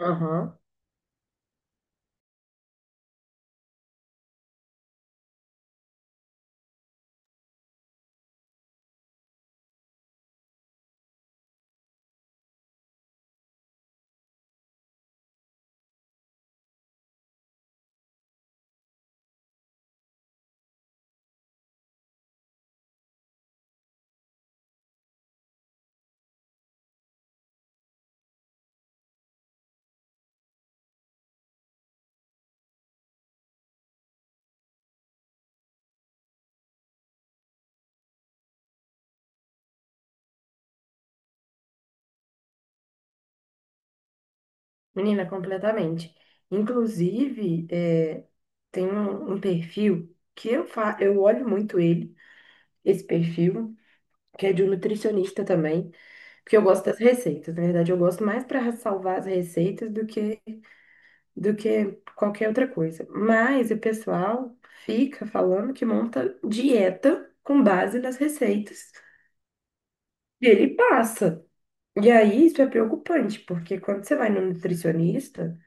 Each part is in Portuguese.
Aham. Menina, completamente. Inclusive, tem um perfil que eu olho muito ele, esse perfil, que é de um nutricionista também, porque eu gosto das receitas. Na verdade, eu gosto mais para salvar as receitas do que qualquer outra coisa. Mas o pessoal fica falando que monta dieta com base nas receitas e ele passa. E aí, isso é preocupante, porque quando você vai no nutricionista.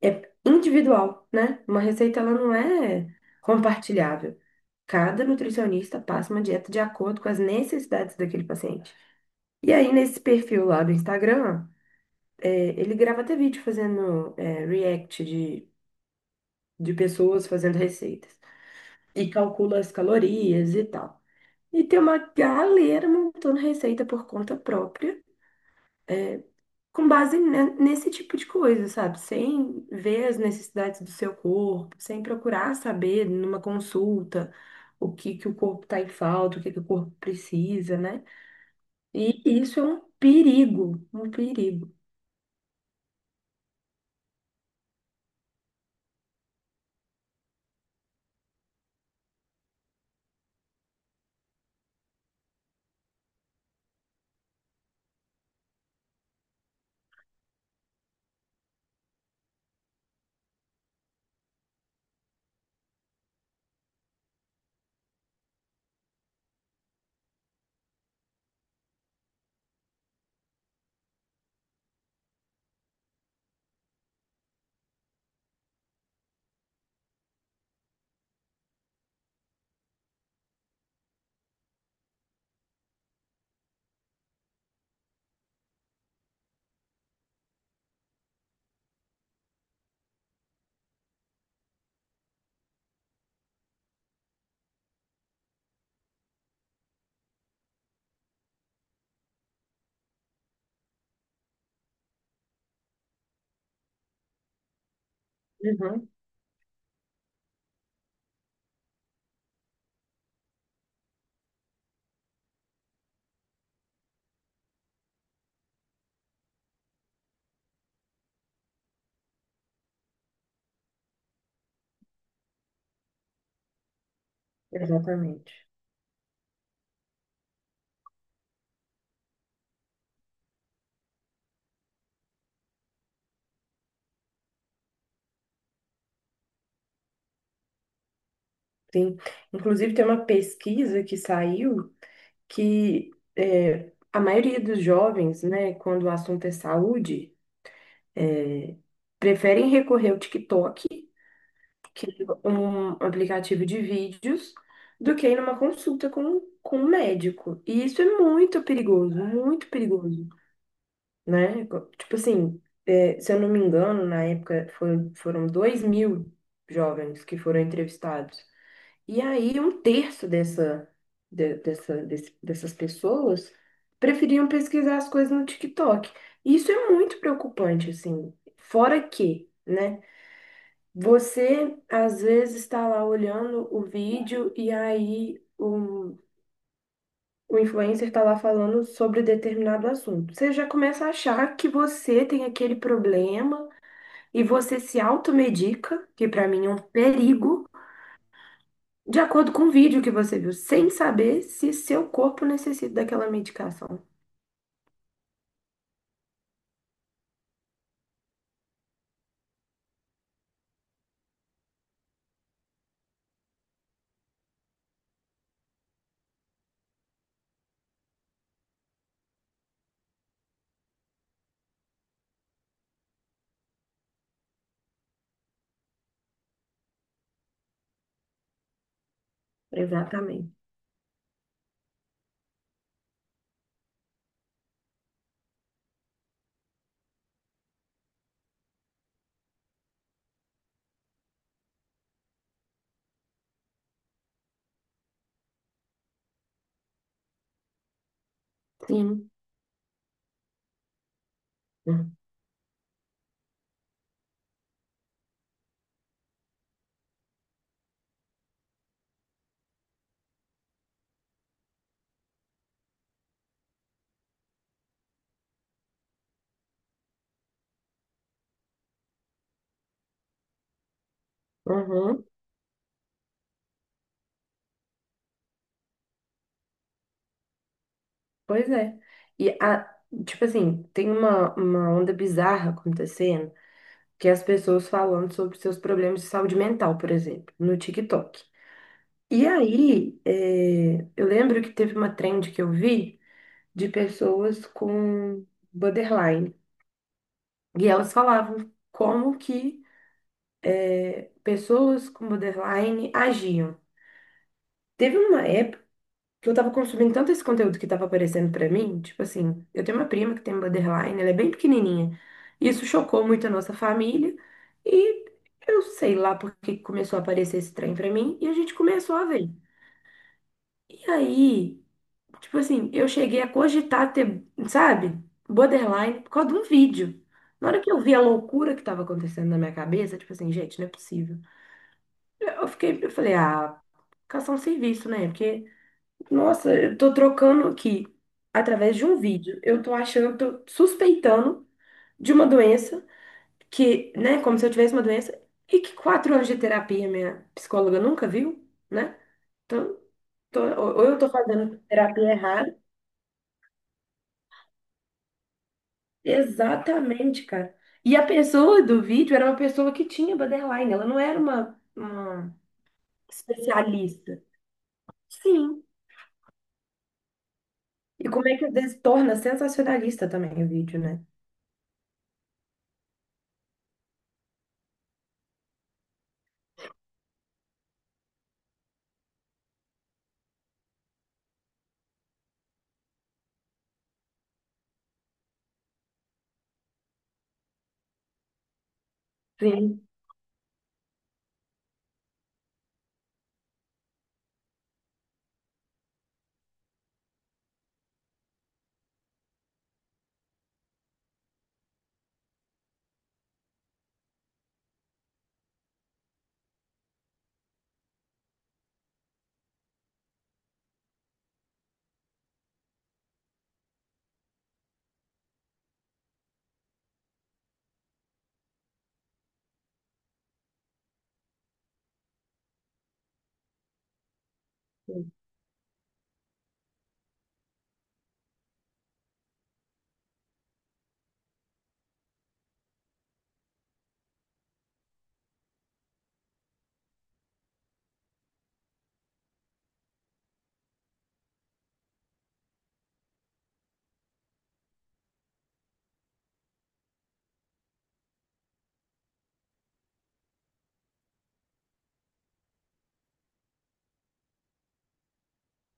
É individual, né? Uma receita ela não é compartilhável. Cada nutricionista passa uma dieta de acordo com as necessidades daquele paciente. E aí, nesse perfil lá do Instagram, ele grava até vídeo fazendo react de pessoas fazendo receitas. E calcula as calorias e tal. E tem uma galera montando receita por conta própria com base nesse tipo de coisa, sabe? Sem ver as necessidades do seu corpo, sem procurar saber numa consulta o que que o corpo tá em falta, o que que o corpo precisa, né? E isso é um perigo, um perigo. Uhum, exatamente. Sim. Inclusive, tem uma pesquisa que saiu que a maioria dos jovens, né, quando o assunto é saúde, preferem recorrer ao TikTok, que um aplicativo de vídeos, do que ir numa consulta com um médico. E isso é muito perigoso, né? Tipo assim, se eu não me engano, na época foram 2000 jovens que foram entrevistados. E aí, um terço dessas pessoas preferiam pesquisar as coisas no TikTok. Isso é muito preocupante, assim. Fora que, né? Você às vezes está lá olhando o vídeo e aí o influencer está lá falando sobre determinado assunto. Você já começa a achar que você tem aquele problema e você se automedica, que para mim é um perigo, de acordo com o vídeo que você viu, sem saber se seu corpo necessita daquela medicação. Exatamente. Sim. Uhum. Pois é. E a- tipo assim, tem uma onda bizarra acontecendo que as pessoas falando sobre seus problemas de saúde mental, por exemplo, no TikTok. E aí, eu lembro que teve uma trend que eu vi de pessoas com borderline. E elas falavam como que pessoas com borderline agiam. Teve uma que eu tava consumindo tanto esse conteúdo que tava aparecendo pra mim, tipo assim, eu tenho uma prima que tem um borderline, ela é bem pequenininha. Isso chocou muito a nossa família e eu sei lá porque começou a aparecer esse trem pra mim e a gente começou a ver. E aí, tipo assim, eu cheguei a cogitar ter, sabe, borderline por causa de um vídeo. Na hora que eu vi a loucura que tava acontecendo na minha cabeça, tipo assim, gente, não é possível. Eu fiquei, eu falei, ah, caçar um serviço, né? Porque nossa, eu tô trocando aqui através de um vídeo. Eu tô achando, tô suspeitando de uma doença que, né, como se eu tivesse uma doença e que 4 anos de terapia minha psicóloga nunca viu, né? Então, ou eu tô fazendo terapia errada. Exatamente, cara. E a pessoa do vídeo era uma pessoa que tinha borderline, ela não era uma especialista. Sim. E como é que às vezes torna sensacionalista também o vídeo, né? Sim.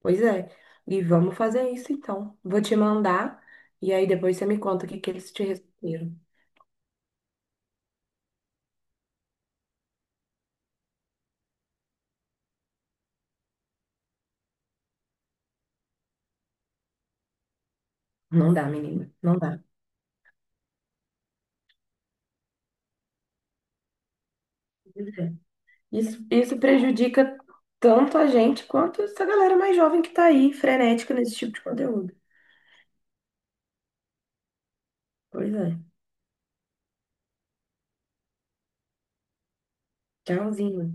Pois é. E vamos fazer isso então. Vou te mandar e aí depois você me conta o que que eles te responderam. Não dá, menina. Não dá. Pois é. Isso prejudica tanto a gente quanto essa galera mais jovem que tá aí, frenética nesse tipo de conteúdo. Pois é. Tchauzinho.